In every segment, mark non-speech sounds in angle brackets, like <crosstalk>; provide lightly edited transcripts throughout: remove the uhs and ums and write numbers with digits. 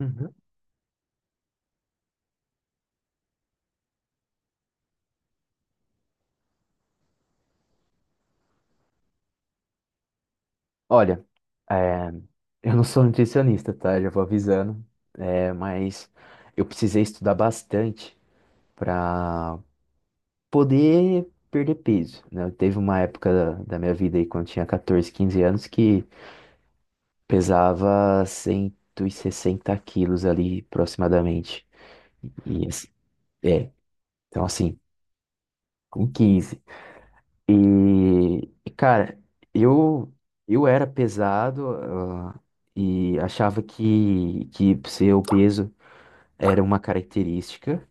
Uhum. Olha, é, eu não sou nutricionista, tá? Já vou avisando. É, mas eu precisei estudar bastante para poder perder peso, né? Teve uma época da minha vida aí, quando eu tinha 14, 15 anos, que pesava 160 quilos ali, aproximadamente. E, assim, é, então assim, com 15. E, e, cara, eu eu era pesado, e achava que ser obeso era uma característica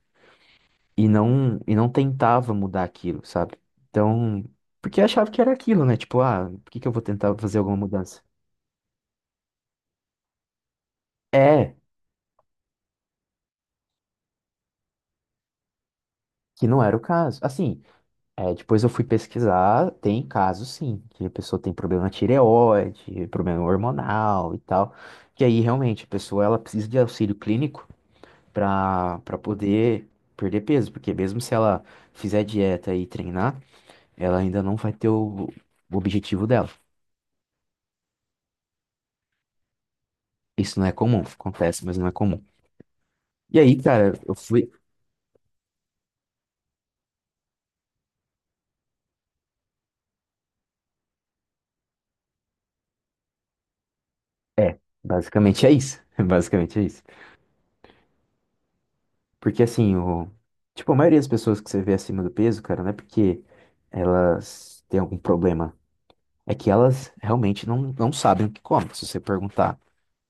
e não tentava mudar aquilo, sabe? Então, porque achava que era aquilo, né? Tipo, por que que eu vou tentar fazer alguma mudança? É, que não era o caso. Assim, depois eu fui pesquisar, tem casos sim, que a pessoa tem problema na tireoide, problema hormonal e tal, que aí realmente a pessoa ela precisa de auxílio clínico pra poder perder peso, porque mesmo se ela fizer dieta e treinar, ela ainda não vai ter o objetivo dela. Isso não é comum, acontece, mas não é comum. E aí, cara, eu fui. É, basicamente é isso. <laughs> Basicamente é isso. Porque assim, tipo, a maioria das pessoas que você vê acima do peso, cara, não é porque elas têm algum problema. É que elas realmente não sabem o que comem. Se você perguntar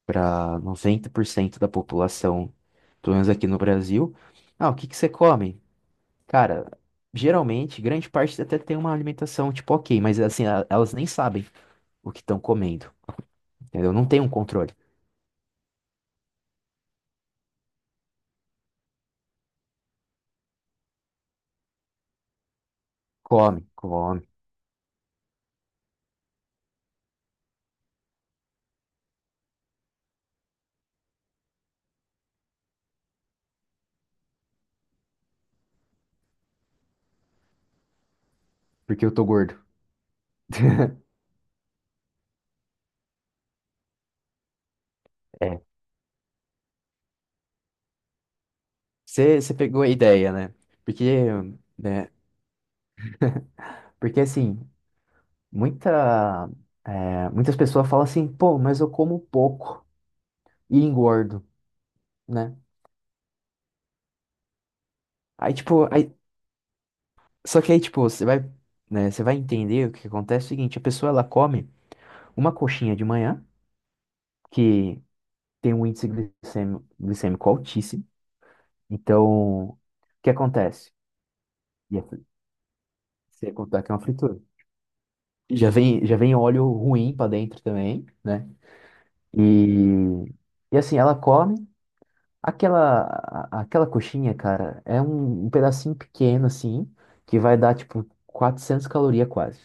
para 90% da população, pelo menos aqui no Brasil. Ah, o que que você come? Cara, geralmente, grande parte até tem uma alimentação tipo ok, mas assim, elas nem sabem o que estão comendo, entendeu? Não tem um controle. Come, come, porque eu tô gordo. <laughs> É, você pegou a ideia, né? Porque, né? Porque assim, muita, muitas pessoas falam assim, pô, mas eu como pouco e engordo, né? Aí, tipo, só que aí, tipo, né, você vai entender o que acontece é o seguinte, a pessoa ela come uma coxinha de manhã, que tem um índice glicêmico altíssimo. Então, o que acontece? E é fri- Você ia contar que é uma fritura. Já vem óleo ruim pra dentro também, né? E, e, assim, ela come aquela coxinha, cara, é um pedacinho pequeno assim, que vai dar tipo 400 calorias quase.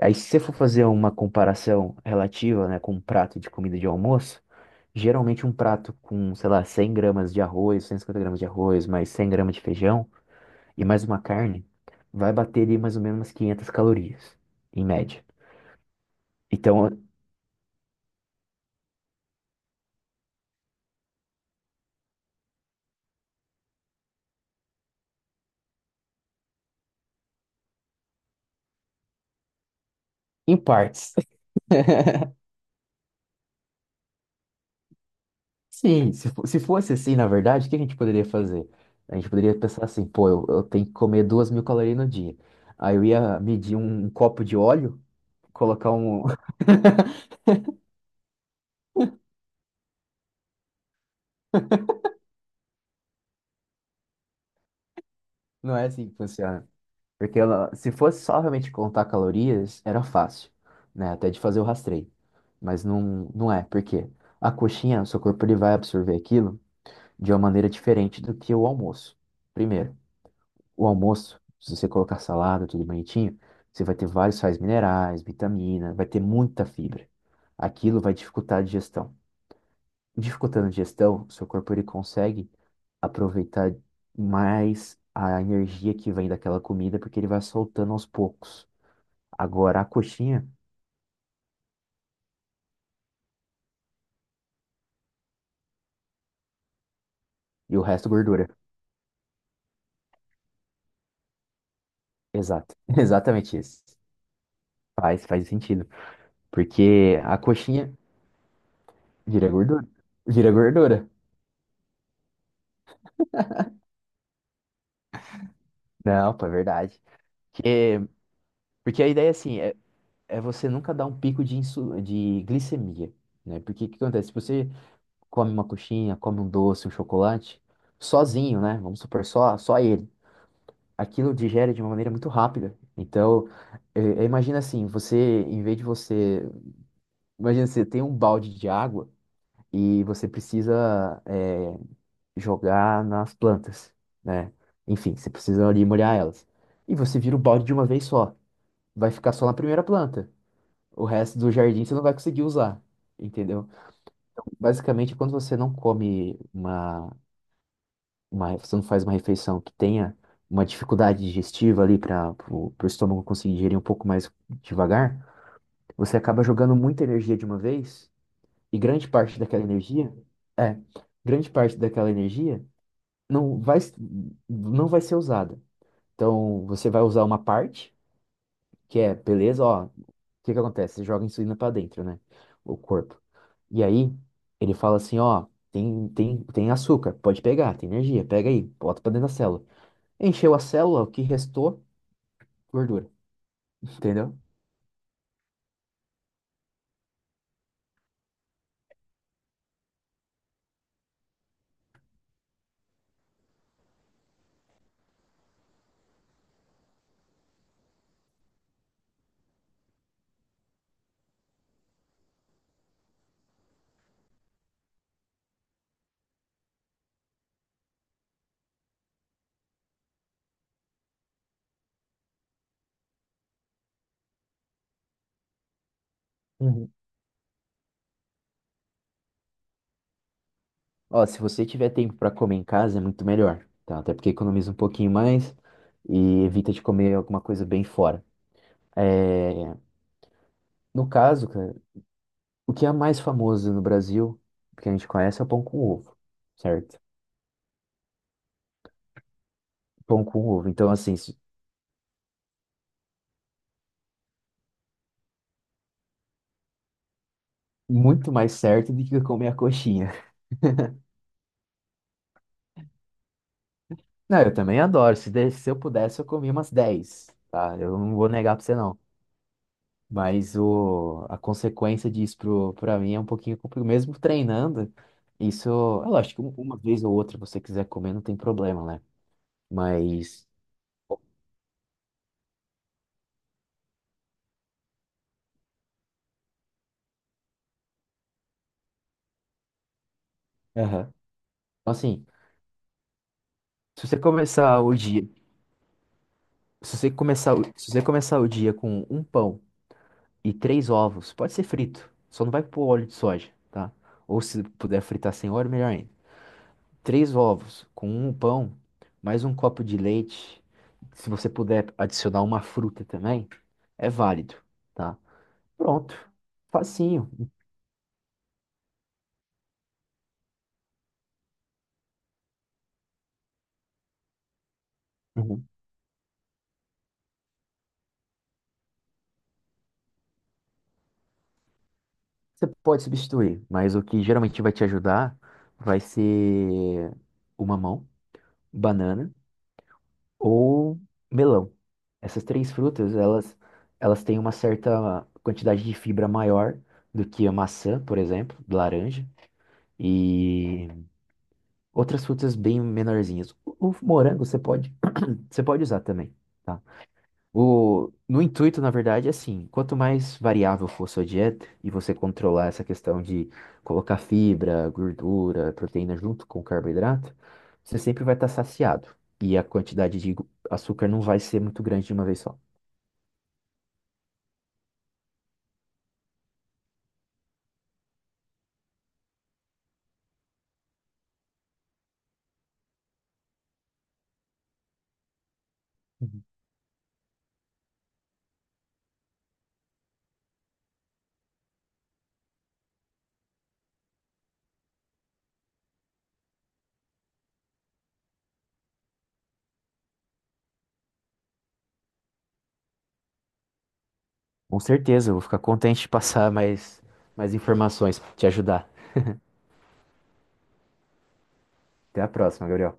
Aí, se você for fazer uma comparação relativa, né, com um prato de comida de almoço, geralmente um prato com, sei lá, 100 gramas de arroz, 150 gramas de arroz, mais 100 gramas de feijão e mais uma carne, vai bater ali mais ou menos umas 500 calorias, em média. Então, em partes. <laughs> Sim, se fosse assim, na verdade, o que a gente poderia fazer? A gente poderia pensar assim, pô, eu tenho que comer 2.000 calorias no dia. Aí eu ia medir um copo de óleo, colocar um. <laughs> Não é assim que funciona. Porque ela, se fosse só realmente contar calorias, era fácil, né? Até de fazer o rastreio. Mas não, não é, porque a coxinha, o seu corpo ele vai absorver aquilo de uma maneira diferente do que o almoço. Primeiro, o almoço, se você colocar salada, tudo bonitinho, você vai ter vários sais minerais, vitamina, vai ter muita fibra. Aquilo vai dificultar a digestão. Dificultando a digestão, o seu corpo ele consegue aproveitar mais a energia que vem daquela comida, porque ele vai soltando aos poucos. Agora a coxinha e o resto gordura. Exato. <laughs> Exatamente isso. Faz, faz sentido. Porque a coxinha vira gordura. Vira gordura. Não, pô, é verdade. Porque, porque, a ideia, assim, é você nunca dar um pico de glicemia, né? Porque o que acontece? Se você come uma coxinha, come um doce, um chocolate, sozinho, né? Vamos supor, só ele. Aquilo digere de uma maneira muito rápida. Então, imagina assim, você, em vez de você. Imagina, você tem um balde de água, e você precisa é, jogar nas plantas, né? Enfim, você precisa ali molhar elas. E você vira o balde de uma vez só. Vai ficar só na primeira planta. O resto do jardim você não vai conseguir usar, entendeu? Basicamente, quando você não come você não faz uma refeição que tenha uma dificuldade digestiva ali para o estômago conseguir digerir um pouco mais devagar, você acaba jogando muita energia de uma vez e é grande parte daquela energia não vai, não vai ser usada. Então, você vai usar uma parte, que é, beleza, ó, o que que acontece? Você joga a insulina para dentro, né? O corpo. E aí, ele fala assim, ó, tem açúcar, pode pegar, tem energia, pega aí, bota para dentro da célula. Encheu a célula, o que restou, gordura, <laughs> entendeu? Uhum. Ó, se você tiver tempo para comer em casa, é muito melhor, tá? Até porque economiza um pouquinho mais e evita de comer alguma coisa bem fora. É, no caso, cara. O que é mais famoso no Brasil, que a gente conhece, é o pão com ovo, certo? Pão com ovo. Então, assim, muito mais certo do que eu comer a coxinha. <laughs> Não, eu também adoro. Se eu pudesse, eu comia umas dez, tá? Eu não vou negar pra você, não. Mas a consequência disso pra mim é um pouquinho complicado. Mesmo treinando, isso. É lógico, uma vez ou outra, você quiser comer, não tem problema, né? Mas. Aham. Então, assim, se você começar o dia. Se você começar o dia com um pão e três ovos. Pode ser frito, só não vai pôr óleo de soja, tá? Ou se puder fritar sem óleo, melhor ainda. Três ovos com um pão, mais um copo de leite. Se você puder adicionar uma fruta também, é válido, tá? Pronto, facinho. Uhum. Você pode substituir, mas o que geralmente vai te ajudar vai ser o mamão, banana ou melão. Essas três frutas, elas têm uma certa quantidade de fibra maior do que a maçã, por exemplo, laranja, e outras frutas bem menorzinhas. O morango você pode usar também, tá? No intuito, na verdade, é assim, quanto mais variável for sua dieta e você controlar essa questão de colocar fibra, gordura, proteína junto com carboidrato, você sempre vai estar saciado. E a quantidade de açúcar não vai ser muito grande de uma vez só. Uhum. Com certeza, eu vou ficar contente de passar <laughs> mais informações, te ajudar. Até a próxima, Gabriel.